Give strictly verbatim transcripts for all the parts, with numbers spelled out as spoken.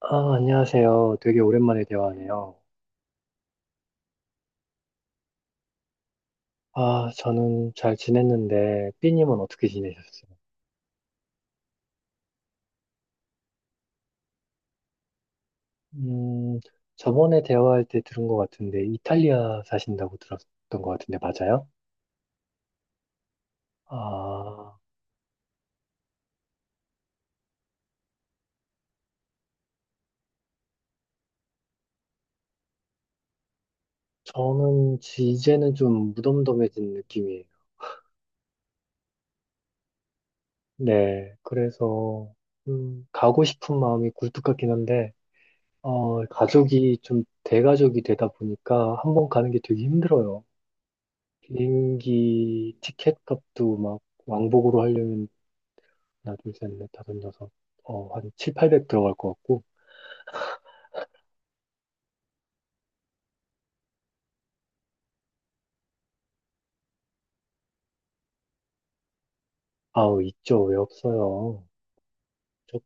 아, 안녕하세요. 되게 오랜만에 대화하네요. 아, 저는 잘 지냈는데, 삐님은 어떻게 지내셨어요? 음, 저번에 대화할 때 들은 것 같은데, 이탈리아 사신다고 들었던 것 같은데, 맞아요? 아, 저는 지- 이제는 좀 무덤덤해진 느낌이에요. 네, 그래서, 음, 가고 싶은 마음이 굴뚝 같긴 한데, 어, 가족이 좀 대가족이 되다 보니까 한번 가는 게 되게 힘들어요. 비행기 티켓 값도 막 왕복으로 하려면 하나, 둘, 셋, 넷, 다섯, 여섯, 어, 한 칠, 팔백 들어갈 것 같고. 아우, 있죠. 왜 없어요. 저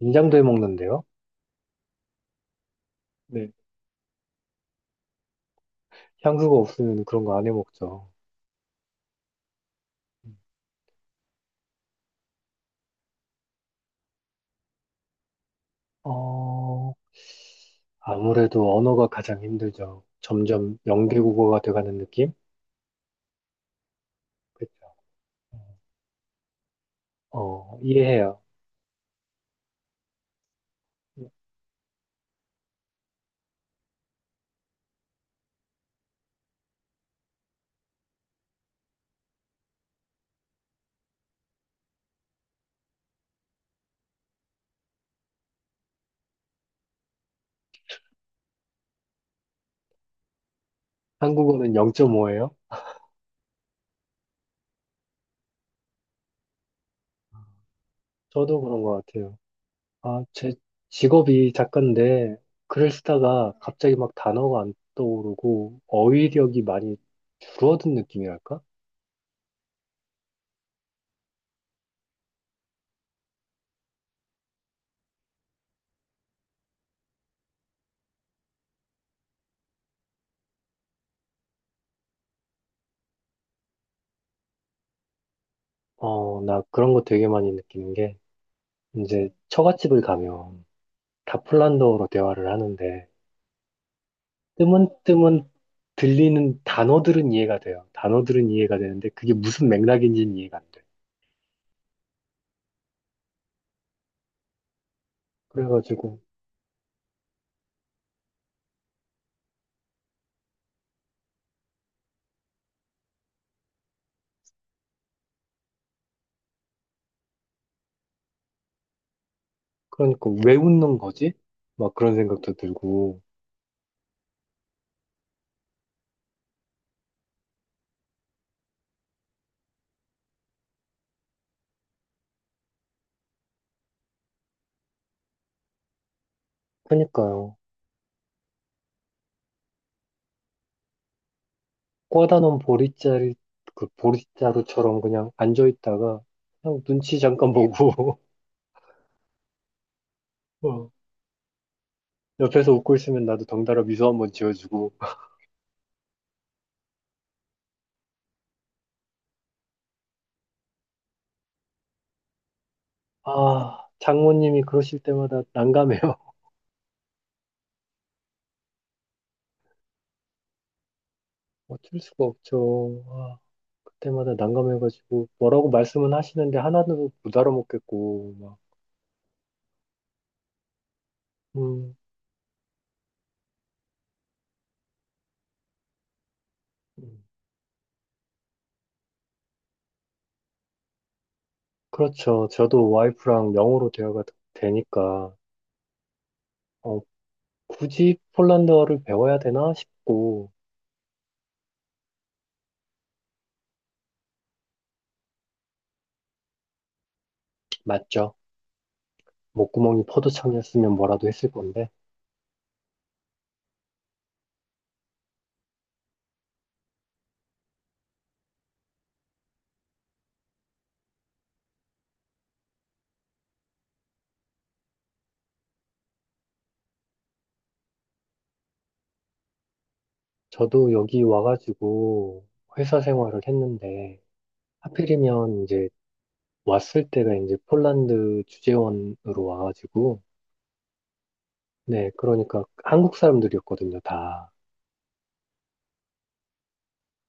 인장도 해 먹는데요. 네. 향수가 없으면 그런 거 안 해 먹죠. 음. 어, 아무래도 언어가 가장 힘들죠. 점점 영계국어가 돼가는 느낌? 그렇죠. 어, 이해해요. 한국어는 영 점 오예요? 저도 그런 것 같아요. 아, 제 직업이 작가인데 글을 쓰다가, 네, 갑자기 막 단어가 안 떠오르고 어휘력이 많이 줄어든 느낌이랄까? 어, 나 그런 거 되게 많이 느끼는 게, 이제 처갓집을 가면 다 폴란드어로 대화를 하는데 뜨문뜨문 들리는 단어들은 이해가 돼요. 단어들은 이해가 되는데 그게 무슨 맥락인지는 이해가 안 돼. 그래가지고 그러니까 왜 웃는 거지? 막 그런 생각도 들고 그러니까요. 꽂아놓은 보릿자리, 그 보릿자루처럼 그냥 앉아있다가 그냥 눈치 잠깐 보고. 어, 옆에서 웃고 있으면 나도 덩달아 미소 한번 지어주고. 아, 장모님이 그러실 때마다 난감해요. 어쩔 수가 없죠. 아, 그때마다 난감해가지고 뭐라고 말씀은 하시는데 하나도 못 알아먹겠고 막. 음, 음. 그렇죠. 저도 와이프랑 영어로 대화가 되니까, 어, 굳이 폴란드어를 배워야 되나 싶고. 맞죠. 목구멍이 포도청이었으면 뭐라도 했을 건데, 저도 여기 와가지고 회사 생활을 했는데, 하필이면 이제 왔을 때가 이제 폴란드 주재원으로 와가지고, 네, 그러니까 한국 사람들이었거든요, 다.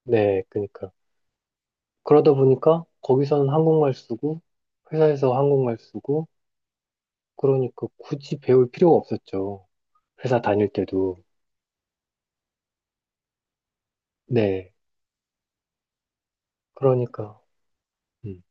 네, 그러니까. 그러다 보니까 거기서는 한국말 쓰고, 회사에서 한국말 쓰고, 그러니까 굳이 배울 필요가 없었죠. 회사 다닐 때도. 네, 그러니까. 음,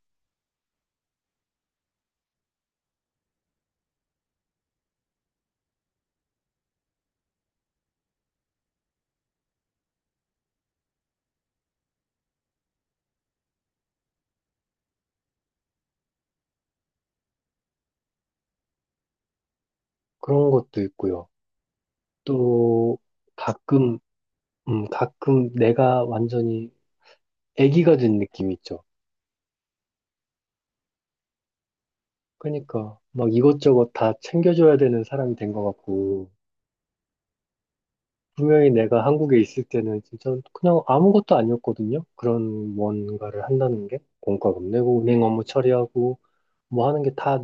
그런 것도 있고요. 또, 가끔, 음, 가끔 내가 완전히 애기가 된 느낌이 있죠. 그러니까 막 이것저것 다 챙겨줘야 되는 사람이 된 것 같고, 분명히 내가 한국에 있을 때는 진짜 그냥 아무것도 아니었거든요. 그런 뭔가를 한다는 게 공과금 내고 은행 업무 처리하고 뭐 하는 게 다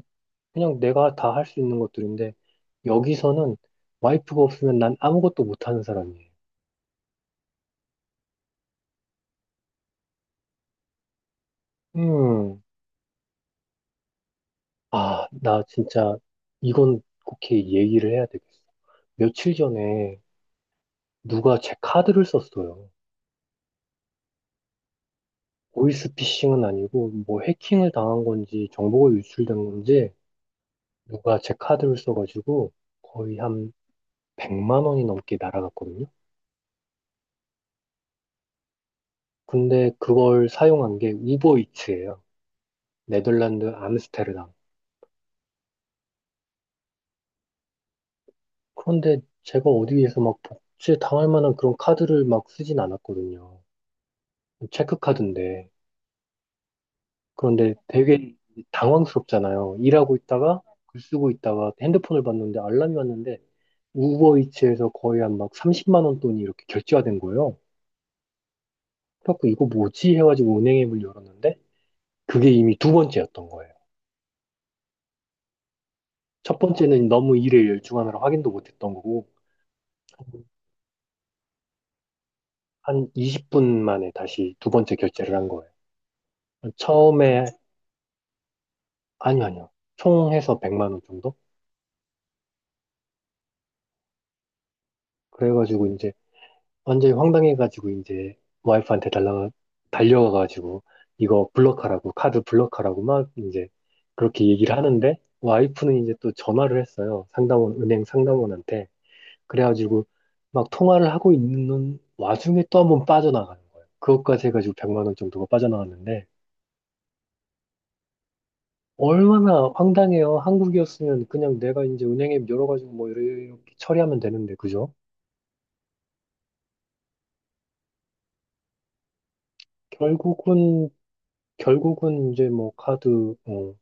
그냥 내가 다 할 수 있는 것들인데, 여기서는 와이프가 없으면 난 아무것도 못하는 사람이에요. 음, 아, 나 진짜 이건 국회에 얘기를 해야 되겠어. 며칠 전에 누가 제 카드를 썼어요. 보이스피싱은 아니고 뭐 해킹을 당한 건지 정보가 유출된 건지, 누가 제 카드를 써가지고 거의 한 백만 원이 넘게 날아갔거든요. 근데 그걸 사용한 게 우버이츠예요. 네덜란드 암스테르담. 그런데 제가 어디에서 막 복제 당할 만한 그런 카드를 막 쓰진 않았거든요. 체크카드인데. 그런데 되게 당황스럽잖아요. 일하고 있다가 글 쓰고 있다가 핸드폰을 봤는데 알람이 왔는데 우버이츠에서 거의 한 막 삼십만 원 돈이 이렇게 결제가 된 거예요. 그래갖고 이거 뭐지 해가지고 은행 앱을 열었는데 그게 이미 두 번째였던 거예요. 첫 번째는 너무 일에 열중하느라 확인도 못했던 거고, 한 이십 분 만에 다시 두 번째 결제를 한 거예요. 처음에 아니, 아니요. 총 해서 백만 원 정도? 그래가지고 이제 완전히 황당해가지고 이제 와이프한테 달라가 달려가가지고 이거 블럭하라고, 카드 블럭하라고 막 이제 그렇게 얘기를 하는데, 와이프는 이제 또 전화를 했어요, 상담원 은행 상담원한테. 그래가지고 막 통화를 하고 있는 와중에 또 한번 빠져나가는 거예요. 그것까지 해가지고 백만 원 정도가 빠져나갔는데, 얼마나 황당해요. 한국이었으면 그냥 내가 이제 은행에 열어가지고 뭐 이렇게 처리하면 되는데, 그죠? 결국은 결국은 이제 뭐 카드 어,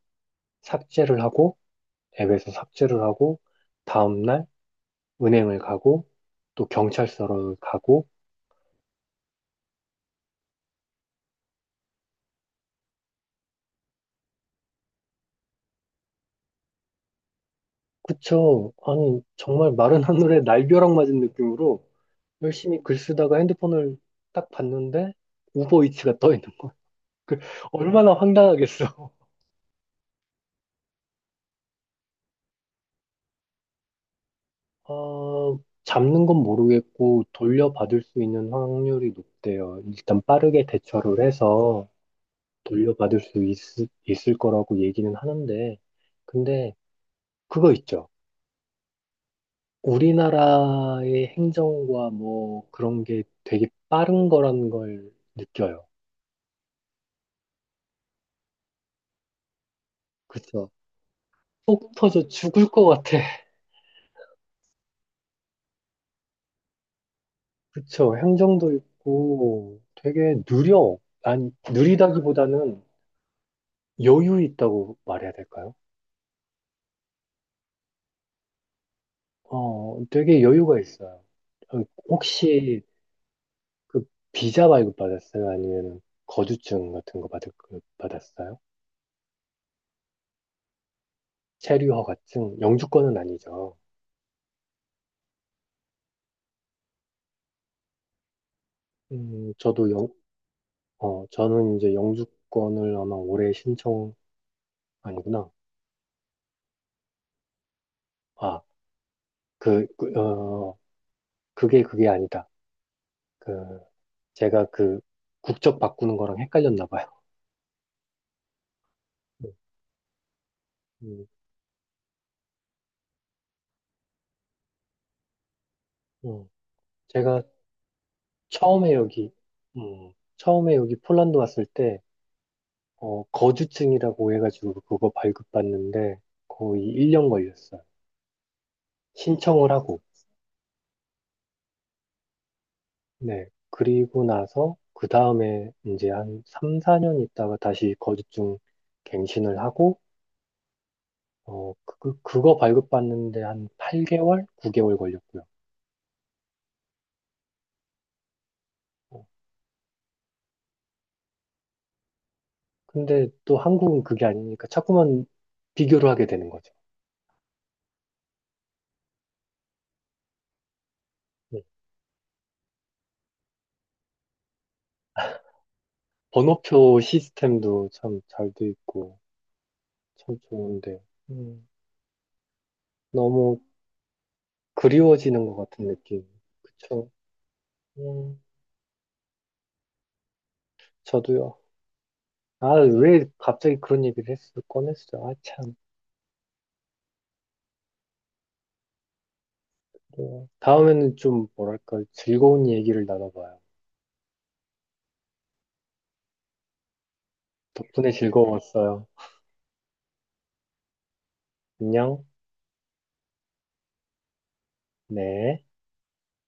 삭제를 하고, 앱에서 삭제를 하고, 다음날 은행을 가고, 또 경찰서를 가고. 그쵸? 아니, 정말 마른 하늘에 날벼락 맞은 느낌으로 열심히 글 쓰다가 핸드폰을 딱 봤는데 우버이츠가 떠 있는 거야. 그 얼마나 황당하겠어. 어, 잡는 건 모르겠고 돌려받을 수 있는 확률이 높대요. 일단 빠르게 대처를 해서 돌려받을 수 있, 있을 거라고 얘기는 하는데, 근데 그거 있죠. 우리나라의 행정과 뭐 그런 게 되게 빠른 거라는 걸 느껴요. 그쵸? 속 터져 죽을 것 같아. 그쵸? 행정도 있고 되게 느려. 아니, 느리다기보다는 여유 있다고 말해야 될까요? 어, 되게 여유가 있어요. 어, 혹시 그 비자 발급 받았어요? 아니면 거주증 같은 거 받을, 받았어요? 체류허가증? 영주권은 아니죠. 음, 저도 영, 어, 저는 이제 영주권을 아마 올해 신청, 아니구나. 아, 그, 그, 어, 그게 그게 아니다. 그, 제가 그 국적 바꾸는 거랑 헷갈렸나 봐요. 음, 음. 음. 제가 처음에 여기, 음, 처음에 여기 폴란드 왔을 때, 어, 거주증이라고 해가지고 그거 발급받는데 거의 일 년 걸렸어요. 신청을 하고, 네. 그리고 나서 그 다음에 이제 한 삼, 사 년 있다가 다시 거주증 갱신을 하고, 어, 그, 그거 발급받는데 한 팔 개월? 구 개월 걸렸고요. 어, 근데 또 한국은 그게 아니니까 자꾸만 비교를 하게 되는 거죠. 네. 번호표 시스템도 참 잘 돼 있고, 참 좋은데, 음, 너무 그리워지는 것 같은 느낌. 그쵸? 음, 저도요. 아, 왜 갑자기 그런 얘기를 했어? 꺼냈어. 아, 참. 네. 다음에는 좀, 뭐랄까, 즐거운 얘기를 나눠봐요. 덕분에 즐거웠어요. 안녕. 네.